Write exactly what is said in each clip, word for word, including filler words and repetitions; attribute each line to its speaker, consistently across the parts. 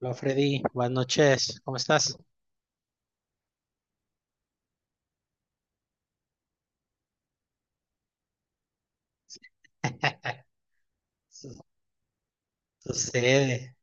Speaker 1: Hola Freddy, buenas noches, ¿cómo estás? Su- Sucede,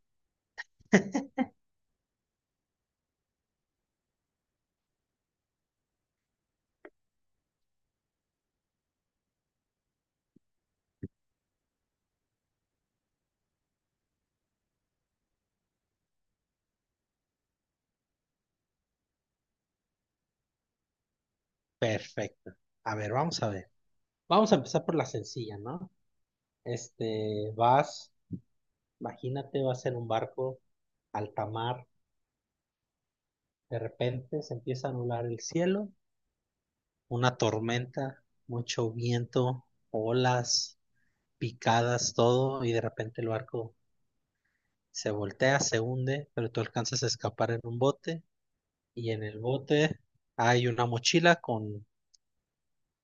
Speaker 1: perfecto. A ver, vamos a ver. Vamos a empezar por la sencilla, ¿no? Este, vas, imagínate, vas en un barco, alta mar, de repente se empieza a anular el cielo, una tormenta, mucho viento, olas, picadas, todo, y de repente el barco se voltea, se hunde, pero tú alcanzas a escapar en un bote, y en el bote hay una mochila con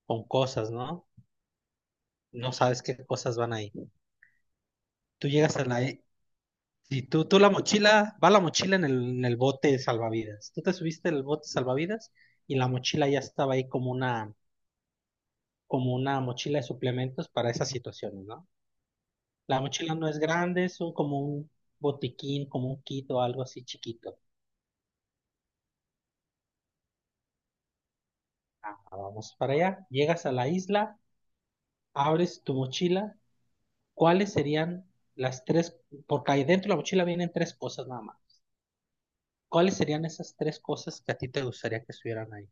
Speaker 1: con cosas, ¿no? No sabes qué cosas van ahí. Tú llegas a la... Si tú, tú la mochila, va la mochila en el, en el bote de salvavidas. Tú te subiste en el bote de salvavidas y la mochila ya estaba ahí como una, como una mochila de suplementos para esas situaciones, ¿no? La mochila no es grande, es un- como un botiquín, como un kit o algo así chiquito. Ah, vamos para allá, llegas a la isla, abres tu mochila, ¿cuáles serían las tres? Porque ahí dentro de la mochila vienen tres cosas nada más. ¿Cuáles serían esas tres cosas que a ti te gustaría que estuvieran ahí?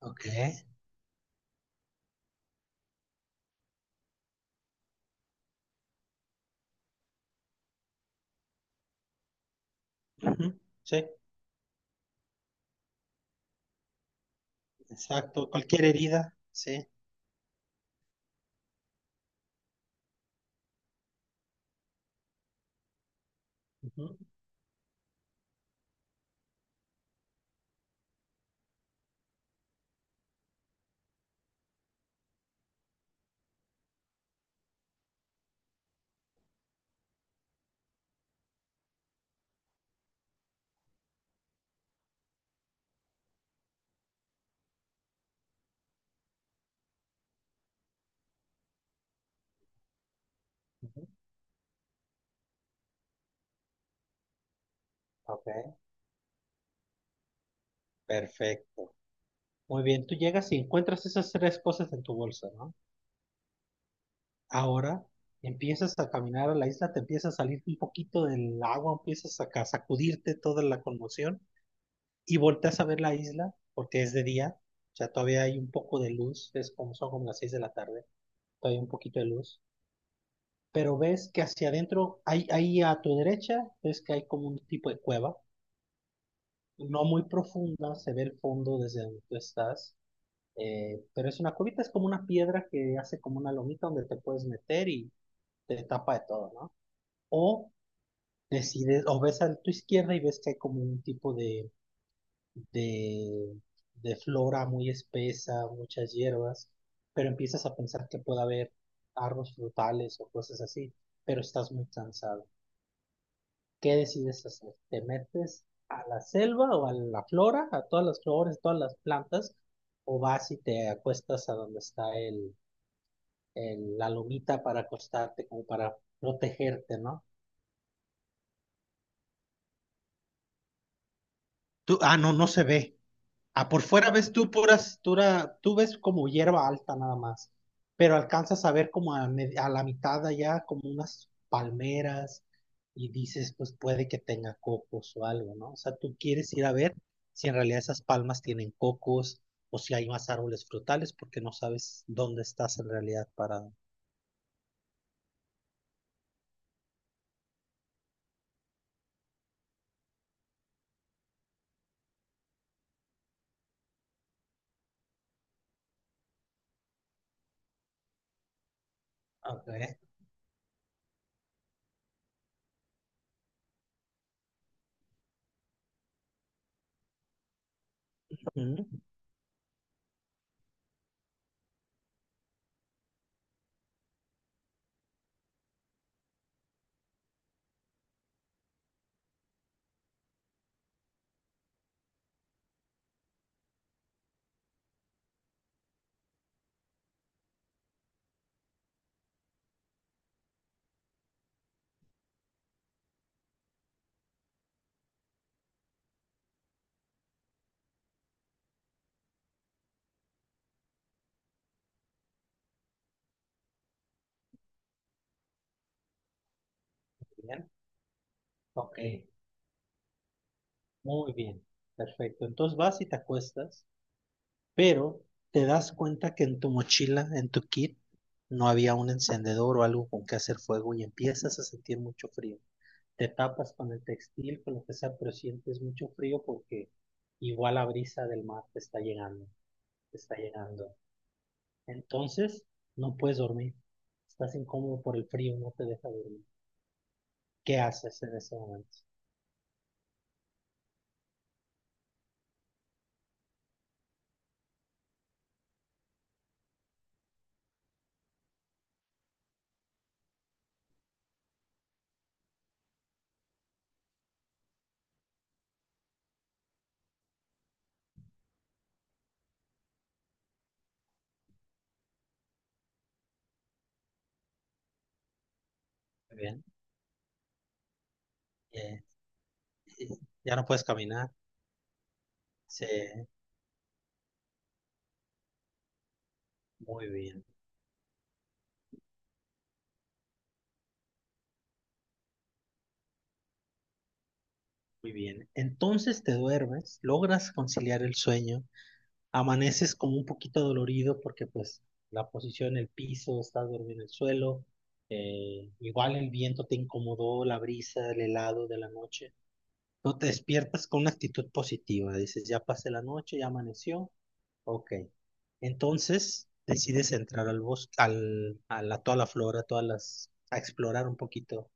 Speaker 1: Ok. Ujú, sí, exacto. Cualquier herida, sí. Ujú, ujú. Ok. Perfecto. Muy bien, tú llegas y encuentras esas tres cosas en tu bolsa, ¿no? Ahora empiezas a caminar a la isla, te empieza a salir un poquito del agua, empiezas a ca- sacudirte toda la conmoción y volteas a ver la isla porque es de día, o sea, todavía hay un poco de luz, es como son como las seis de la tarde, todavía hay un poquito de luz. Pero ves que hacia adentro, ahí, ahí a tu derecha, ves que hay como un tipo de cueva, no muy profunda, se ve el fondo desde donde tú estás, eh, pero es una cuevita, es como una piedra que hace como una lomita donde te puedes meter y te tapa de todo, ¿no? O decides, o ves a tu izquierda y ves que hay como un tipo de, de, de flora muy espesa, muchas hierbas, pero empiezas a pensar que puede haber árboles frutales o cosas así, pero estás muy cansado. ¿Qué decides hacer? ¿Te metes a la selva o a la flora, a todas las flores, todas las plantas, o vas y te acuestas a donde está el, el- la lomita para acostarte, como para protegerte, ¿no? Tú, ah, no, no se ve. Ah, por fuera ves tú puras, pura- tú ves como hierba alta nada más, pero alcanzas a ver como a, me- a la mitad de allá como unas palmeras y dices, pues puede que tenga cocos o algo, ¿no? O sea, tú quieres ir a ver si en realidad esas palmas tienen cocos o si hay más árboles frutales porque no sabes dónde estás en realidad parado. Ok, ujú, bien, ok, muy bien, perfecto. Entonces vas y te acuestas. Pero te das cuenta que en tu mochila, en tu kit, no había un encendedor o algo con que hacer fuego y empiezas a sentir mucho frío. Te tapas con el textil, con lo que sea, pero sientes mucho frío porque igual la brisa del mar te está llegando, te está llegando. Entonces, no puedes dormir. Estás incómodo por el frío, no te deja dormir. ¿Qué haces en ese momento? Muy bien. Eh, ya no puedes caminar. Sí, muy bien. Muy bien, entonces te duermes, logras conciliar el sueño, amaneces como un poquito dolorido porque pues la posición, el piso, estás dormido en el suelo, eh, igual el viento te incomodó, la brisa, el helado de la noche, no te despiertas con una actitud positiva, dices ya pasé la noche, ya amaneció, ok, entonces decides entrar al bosque, al, a la- toda la flora, todas las, a explorar un poquito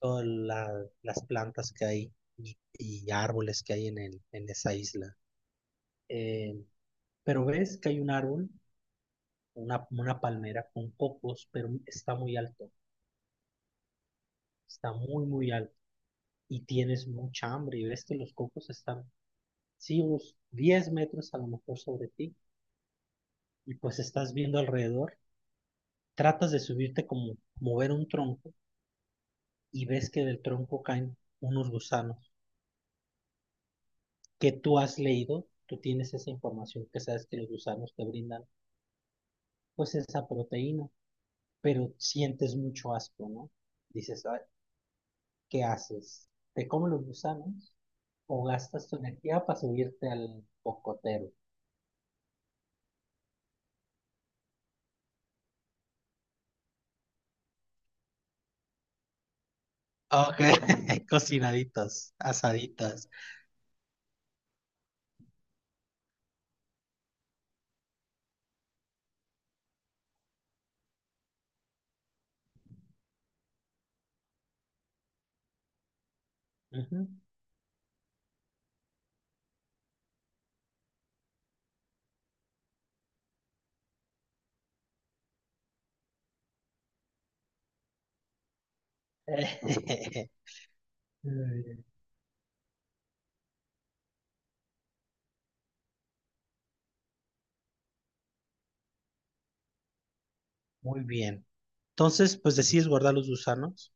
Speaker 1: todas la- las plantas que hay y, y árboles que hay en el, en esa isla. Eh, pero ves que hay un árbol, una, una palmera con cocos, pero está muy alto, está muy, muy alto. Y tienes mucha hambre y ves que los cocos están, sí, unos diez metros a lo mejor sobre ti. Y pues estás viendo alrededor, tratas de subirte como mover un tronco y ves que del tronco caen unos gusanos que tú has leído, tú tienes esa información que sabes que los gusanos te brindan pues esa proteína, pero sientes mucho asco, ¿no? Dices, "Ay, ¿qué haces? ¿Te comes los gusanos o gastas tu energía para subirte al cocotero? Ok, cocinaditas, asaditas. Ujú. Eh, muy bien. Entonces, pues decides guardar los gusanos,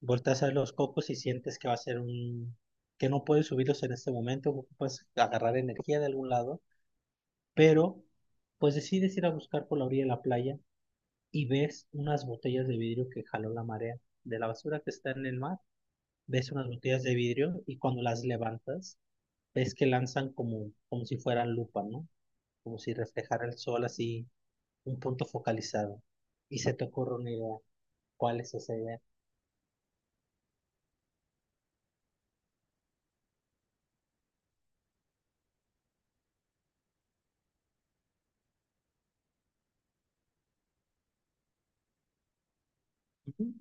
Speaker 1: volteas a ver los cocos y sientes que va a ser un... que no puedes subirlos en este momento, ocupas agarrar energía de algún lado, pero pues decides ir a buscar por la orilla de la playa y ves unas botellas de vidrio que jaló la marea. De la basura que está en el mar, ves unas botellas de vidrio y cuando las levantas, ves que lanzan como, como si fueran lupa, ¿no? Como si reflejara el sol así, un punto focalizado. Y se te ocurre una idea. ¿Cuál es esa idea? Ujú.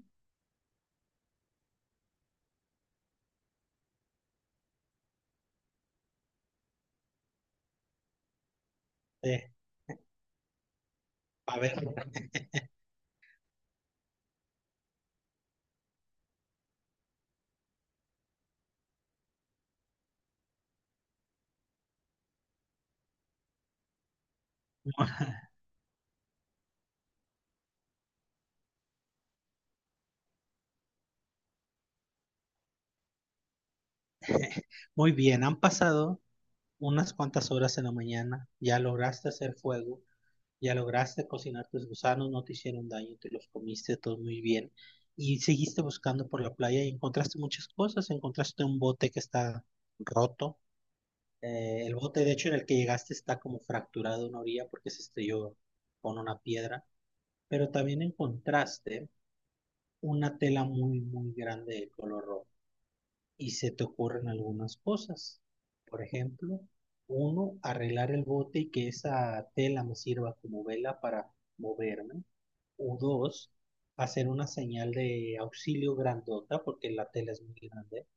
Speaker 1: Eh, a ver, muy bien, han pasado unas cuantas horas en la mañana, ya lograste hacer fuego. Ya lograste cocinar tus gusanos, no te hicieron daño, te los comiste todo muy bien. Y seguiste buscando por la playa y encontraste muchas cosas. Encontraste un bote que está roto. eh, el bote, de hecho, en el que llegaste está como fracturado una orilla porque se estrelló con una piedra. Pero también encontraste una tela muy, muy grande de color rojo. Y se te ocurren algunas cosas. Por ejemplo, uno, arreglar el bote y que esa tela me sirva como vela para moverme o dos, hacer una señal de auxilio grandota, porque la tela es muy grande,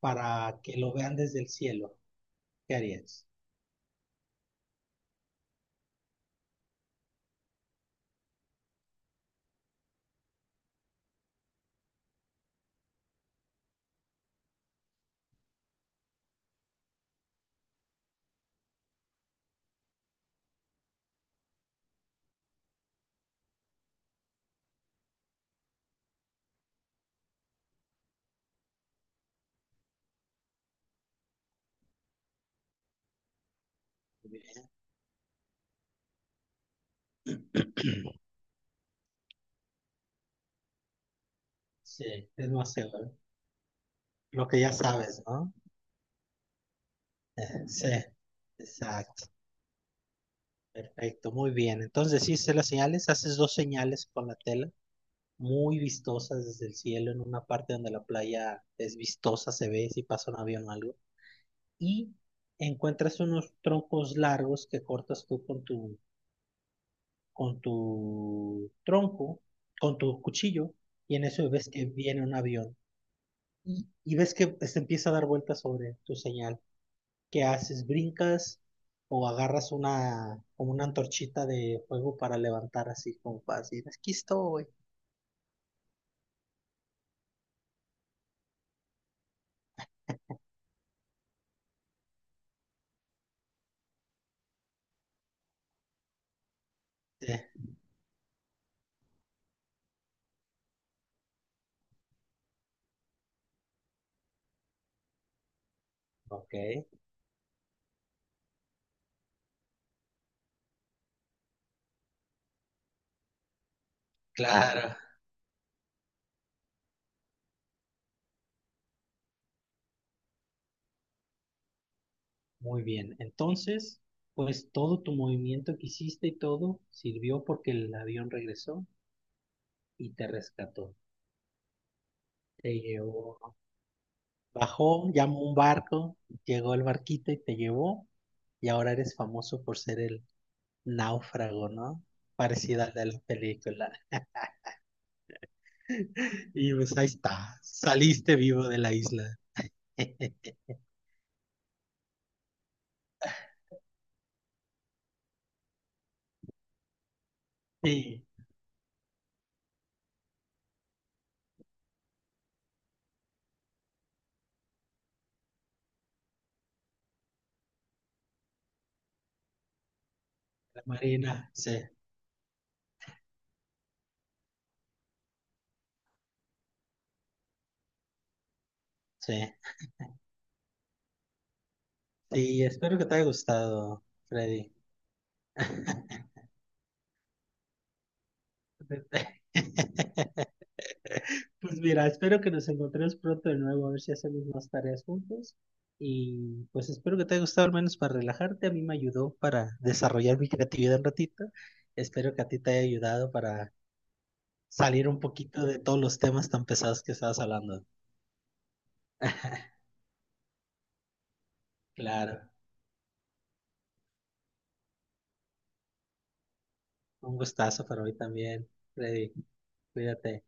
Speaker 1: para que lo vean desde el cielo. ¿Qué harías? Bien, sí, es más seguro. Lo que ya sabes, ¿no? Eh, sí, exacto. Perfecto, muy bien. Entonces, sí, sé las señales, haces dos señales con la tela, muy vistosas desde el cielo, en una parte donde la playa es vistosa, se ve si pasa un avión o algo. Y encuentras unos troncos largos que cortas tú con tu con tu tronco, con tu cuchillo, y en eso ves que viene un avión. Y, y ves que se empieza a dar vueltas sobre tu señal. ¿Qué haces? ¿Brincas o agarras una, como una antorchita de fuego para levantar así como para decir, aquí estoy? Sí, Ok, claro. Muy bien. Entonces, pues todo tu movimiento que hiciste y todo sirvió porque el avión regresó y te rescató. Te llevó. Bajó, llamó un barco, llegó el barquito y te llevó, y ahora eres famoso por ser el náufrago, ¿no? Parecida a la de la película. Y pues ahí está, saliste vivo de la isla. Sí, la Marina, sí, sí. Sí, espero que te haya gustado, Freddy. Pues mira, espero que nos encontremos pronto de nuevo, a ver si hacemos más tareas juntos. Y pues espero que te haya gustado al menos para relajarte. A mí me ayudó para desarrollar mi creatividad un ratito. Espero que a ti te haya ayudado para salir un poquito de todos los temas tan pesados que estabas hablando. Claro, un gustazo para mí también, Freddy. Cuídate.